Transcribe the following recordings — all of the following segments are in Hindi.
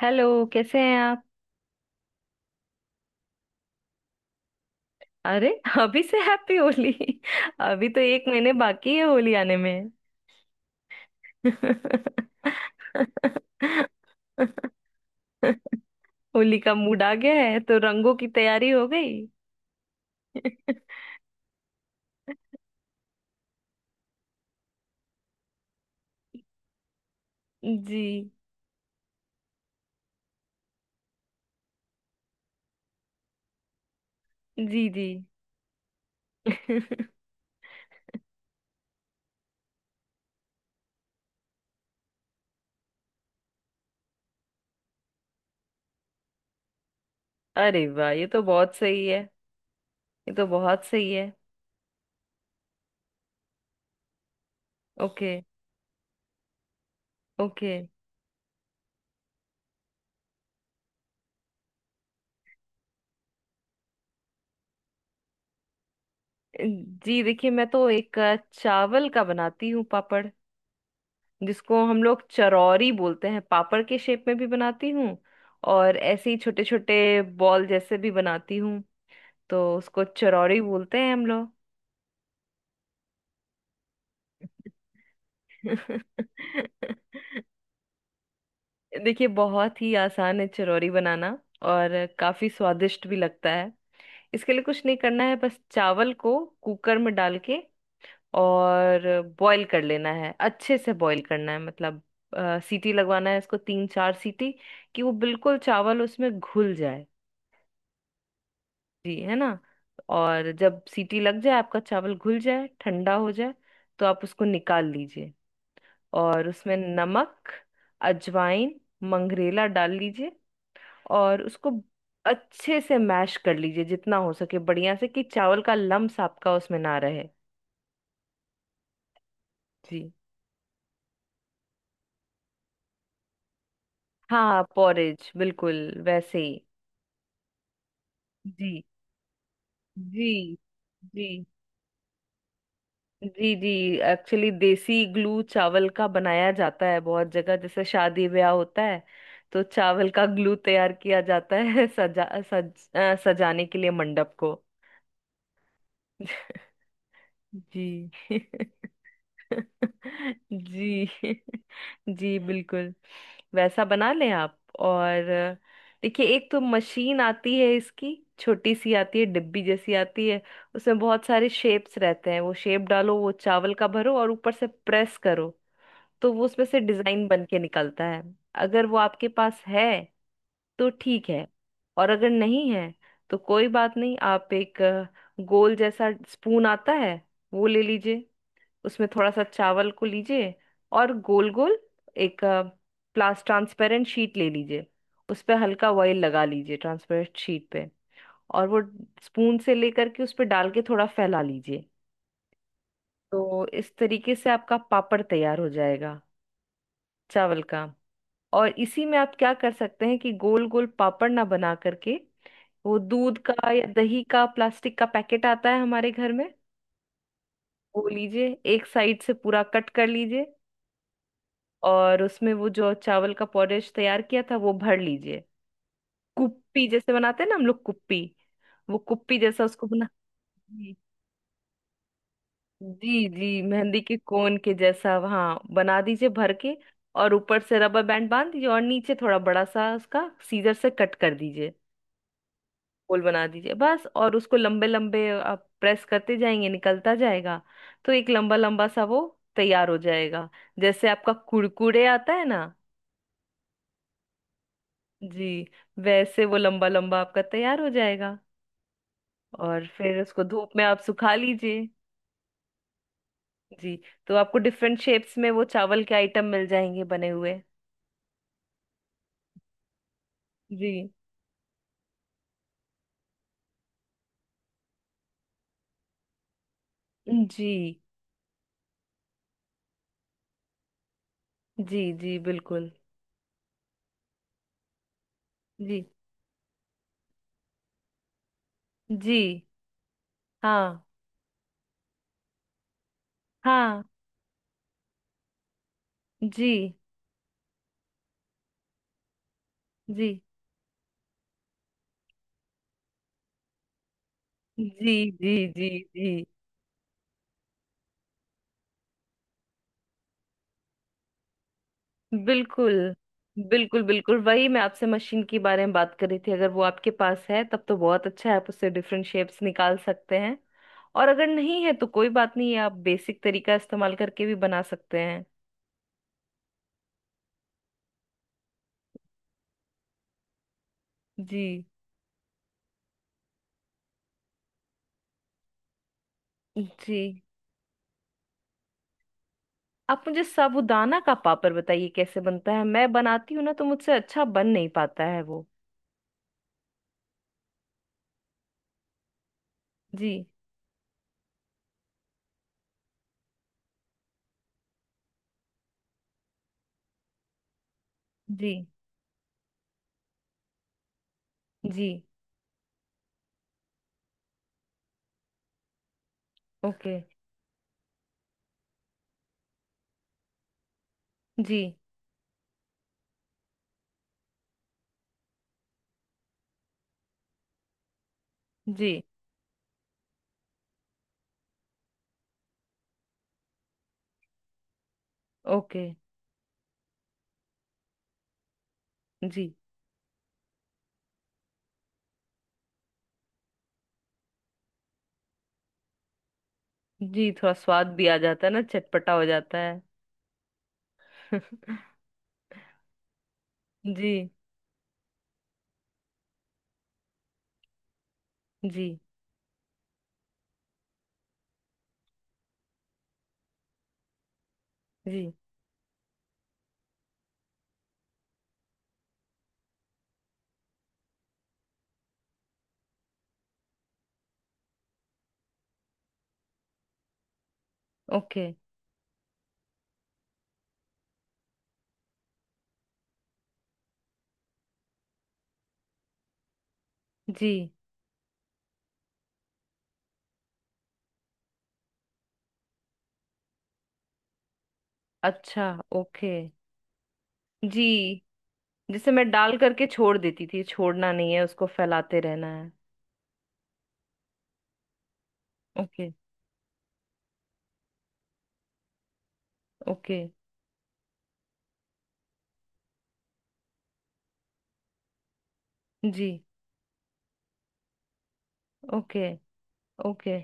हेलो। कैसे हैं आप? अरे, अभी से हैप्पी होली? अभी तो एक महीने बाकी है होली आने में। होली का मूड आ गया है तो रंगों की तैयारी हो गई? जी जी जी। अरे वाह, ये तो बहुत सही है। ये तो बहुत सही है। Okay, okay. जी देखिए, मैं तो एक चावल का बनाती हूँ पापड़, जिसको हम लोग चरौरी बोलते हैं। पापड़ के शेप में भी बनाती हूँ, और ऐसे ही छोटे छोटे बॉल जैसे भी बनाती हूँ। तो उसको चरौरी बोलते हैं हम लोग। देखिए, बहुत ही आसान है चरौरी बनाना, और काफी स्वादिष्ट भी लगता है। इसके लिए कुछ नहीं करना है, बस चावल को कुकर में डाल के और बॉईल कर लेना है। अच्छे से बॉईल करना है, मतलब सीटी लगवाना है इसको, तीन चार सीटी, कि वो बिल्कुल चावल उसमें घुल जाए। जी, है ना। और जब सीटी लग जाए, आपका चावल घुल जाए, ठंडा हो जाए, तो आप उसको निकाल लीजिए। और उसमें नमक, अजवाइन, मंगरेला डाल लीजिए। और उसको अच्छे से मैश कर लीजिए, जितना हो सके बढ़िया से, कि चावल का लम्स आपका उसमें ना रहे। जी। हाँ, पॉरेज बिल्कुल वैसे ही। जी जी जी जी जी। एक्चुअली देसी ग्लू चावल का बनाया जाता है बहुत जगह, जैसे शादी ब्याह होता है तो चावल का ग्लू तैयार किया जाता है। सज सजाने के लिए मंडप को। जी। जी। जी, बिल्कुल वैसा बना लें आप। और देखिए, एक तो मशीन आती है इसकी, छोटी सी आती है, डिब्बी जैसी आती है। उसमें बहुत सारे शेप्स रहते हैं। वो शेप डालो, वो चावल का भरो और ऊपर से प्रेस करो, तो वो उसमें से डिजाइन बन के निकलता है। अगर वो आपके पास है तो ठीक है। और अगर नहीं है तो कोई बात नहीं, आप एक गोल जैसा स्पून आता है, वो ले लीजिए। उसमें थोड़ा सा चावल को लीजिए और गोल गोल, एक प्लास ट्रांसपेरेंट शीट ले लीजिए। उस पर हल्का ऑयल लगा लीजिए, ट्रांसपेरेंट शीट पे। और वो स्पून से लेकर के उस पर डाल के थोड़ा फैला लीजिए। तो इस तरीके से आपका पापड़ तैयार हो जाएगा, चावल का। और इसी में आप क्या कर सकते हैं कि गोल गोल पापड़ ना बना करके, वो दूध का या दही का प्लास्टिक का पैकेट आता है हमारे घर में, वो लीजिए। एक साइड से पूरा कट कर लीजिए और उसमें वो जो चावल का पॉरेज तैयार किया था, वो भर लीजिए। कुप्पी जैसे बनाते हैं ना हम लोग, कुप्पी। वो कुप्पी जैसा उसको बना। जी जी, जी, मेहंदी के कोन के जैसा, हाँ, बना दीजिए भर के। और ऊपर से रबर बैंड बांध दीजिए, और नीचे थोड़ा बड़ा सा उसका सीजर से कट कर दीजिए। गोल बना दीजिए बस, और उसको लंबे लंबे आप प्रेस करते जाएंगे, निकलता जाएगा। तो एक लंबा लंबा सा वो तैयार हो जाएगा, जैसे आपका कुरकुरे आता है ना। जी। वैसे वो लंबा लंबा आपका तैयार हो जाएगा। और फिर उसको धूप में आप सुखा लीजिए। जी। तो आपको डिफरेंट शेप्स में वो चावल के आइटम मिल जाएंगे बने हुए। जी जी। जी जी बिल्कुल। जी जी। हाँ हाँ। जी जी जी जी जी जी। जी, बिल्कुल बिल्कुल, बिल्कुल वही मैं आपसे मशीन के बारे में बात कर रही थी। अगर वो आपके पास है तब तो बहुत अच्छा है, आप उससे डिफरेंट शेप्स निकाल सकते हैं। और अगर नहीं है तो कोई बात नहीं है, आप बेसिक तरीका इस्तेमाल करके भी बना सकते हैं। जी। जी आप मुझे साबूदाना का पापड़ बताइए कैसे बनता है। मैं बनाती हूँ ना, तो मुझसे अच्छा बन नहीं पाता है वो। जी। जी। जी। ओके। जी। जी। ओके। जी। जी थोड़ा स्वाद भी आ जाता है ना, चटपटा हो जाता है। जी। जी। जी। ओके। जी। अच्छा। ओके। जी, जिसे मैं डाल करके छोड़ देती थी, छोड़ना नहीं है उसको, फैलाते रहना है। Okay, okay. जी। Okay, okay.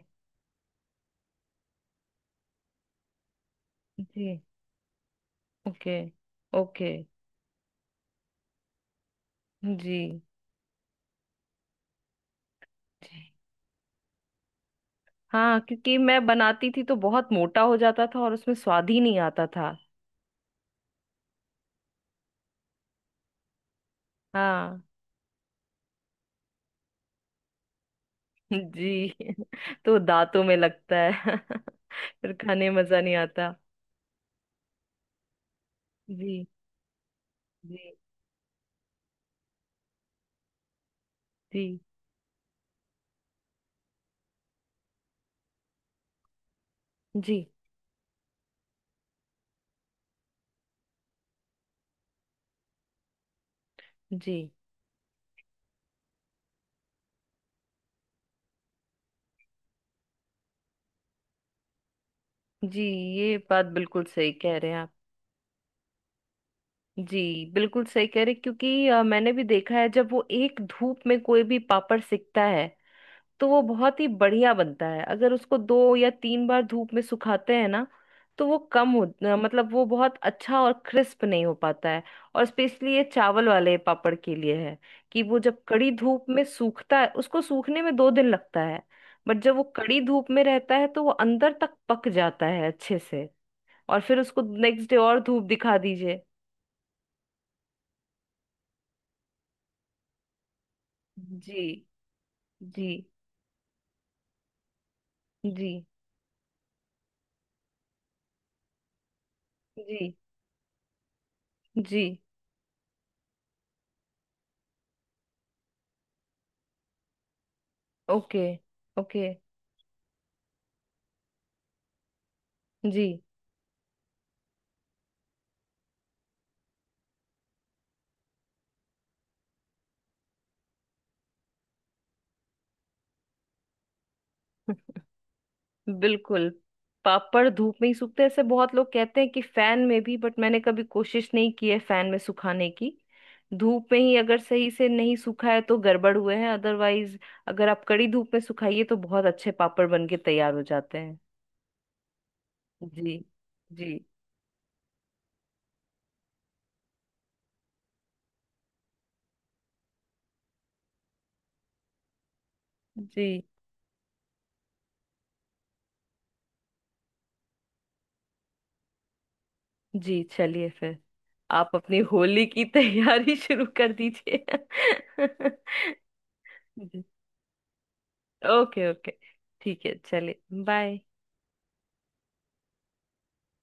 जी। Okay, okay. जी। जी, हाँ, क्योंकि मैं बनाती थी तो बहुत मोटा हो जाता था और उसमें स्वाद ही नहीं आता था। हाँ। जी। तो दांतों में लगता है। फिर खाने में मजा नहीं आता। जी जी जी जी जी जी। ये बात बिल्कुल सही कह रहे हैं आप। जी, बिल्कुल सही कह रहे हैं, क्योंकि मैंने भी देखा है, जब वो एक धूप में कोई भी पापड़ सिकता है तो वो बहुत ही बढ़िया बनता है। अगर उसको दो या तीन बार धूप में सुखाते हैं ना, तो वो कम मतलब वो बहुत अच्छा और क्रिस्प नहीं हो पाता है। और स्पेशली ये चावल वाले पापड़ के लिए है कि वो जब कड़ी धूप में सूखता है, उसको सूखने में दो दिन लगता है। बट जब वो कड़ी धूप में रहता है तो वो अंदर तक पक जाता है अच्छे से। और फिर उसको नेक्स्ट डे और धूप दिखा दीजिए। जी। जी जी जी जी। Okay, okay. जी, बिल्कुल। पापड़ धूप में ही सूखते हैं। ऐसे बहुत लोग कहते हैं कि फैन में भी, बट मैंने कभी कोशिश नहीं की है फैन में सुखाने की। धूप में ही, अगर सही से नहीं सूखा है तो गड़बड़ हुए हैं, अदरवाइज अगर आप कड़ी धूप में सुखाइए तो बहुत अच्छे पापड़ बन के तैयार हो जाते हैं। जी। जी जी। जी चलिए फिर, आप अपनी होली की तैयारी शुरू कर दीजिए। जी। Okay, okay. ठीक है, चलिए, बाय।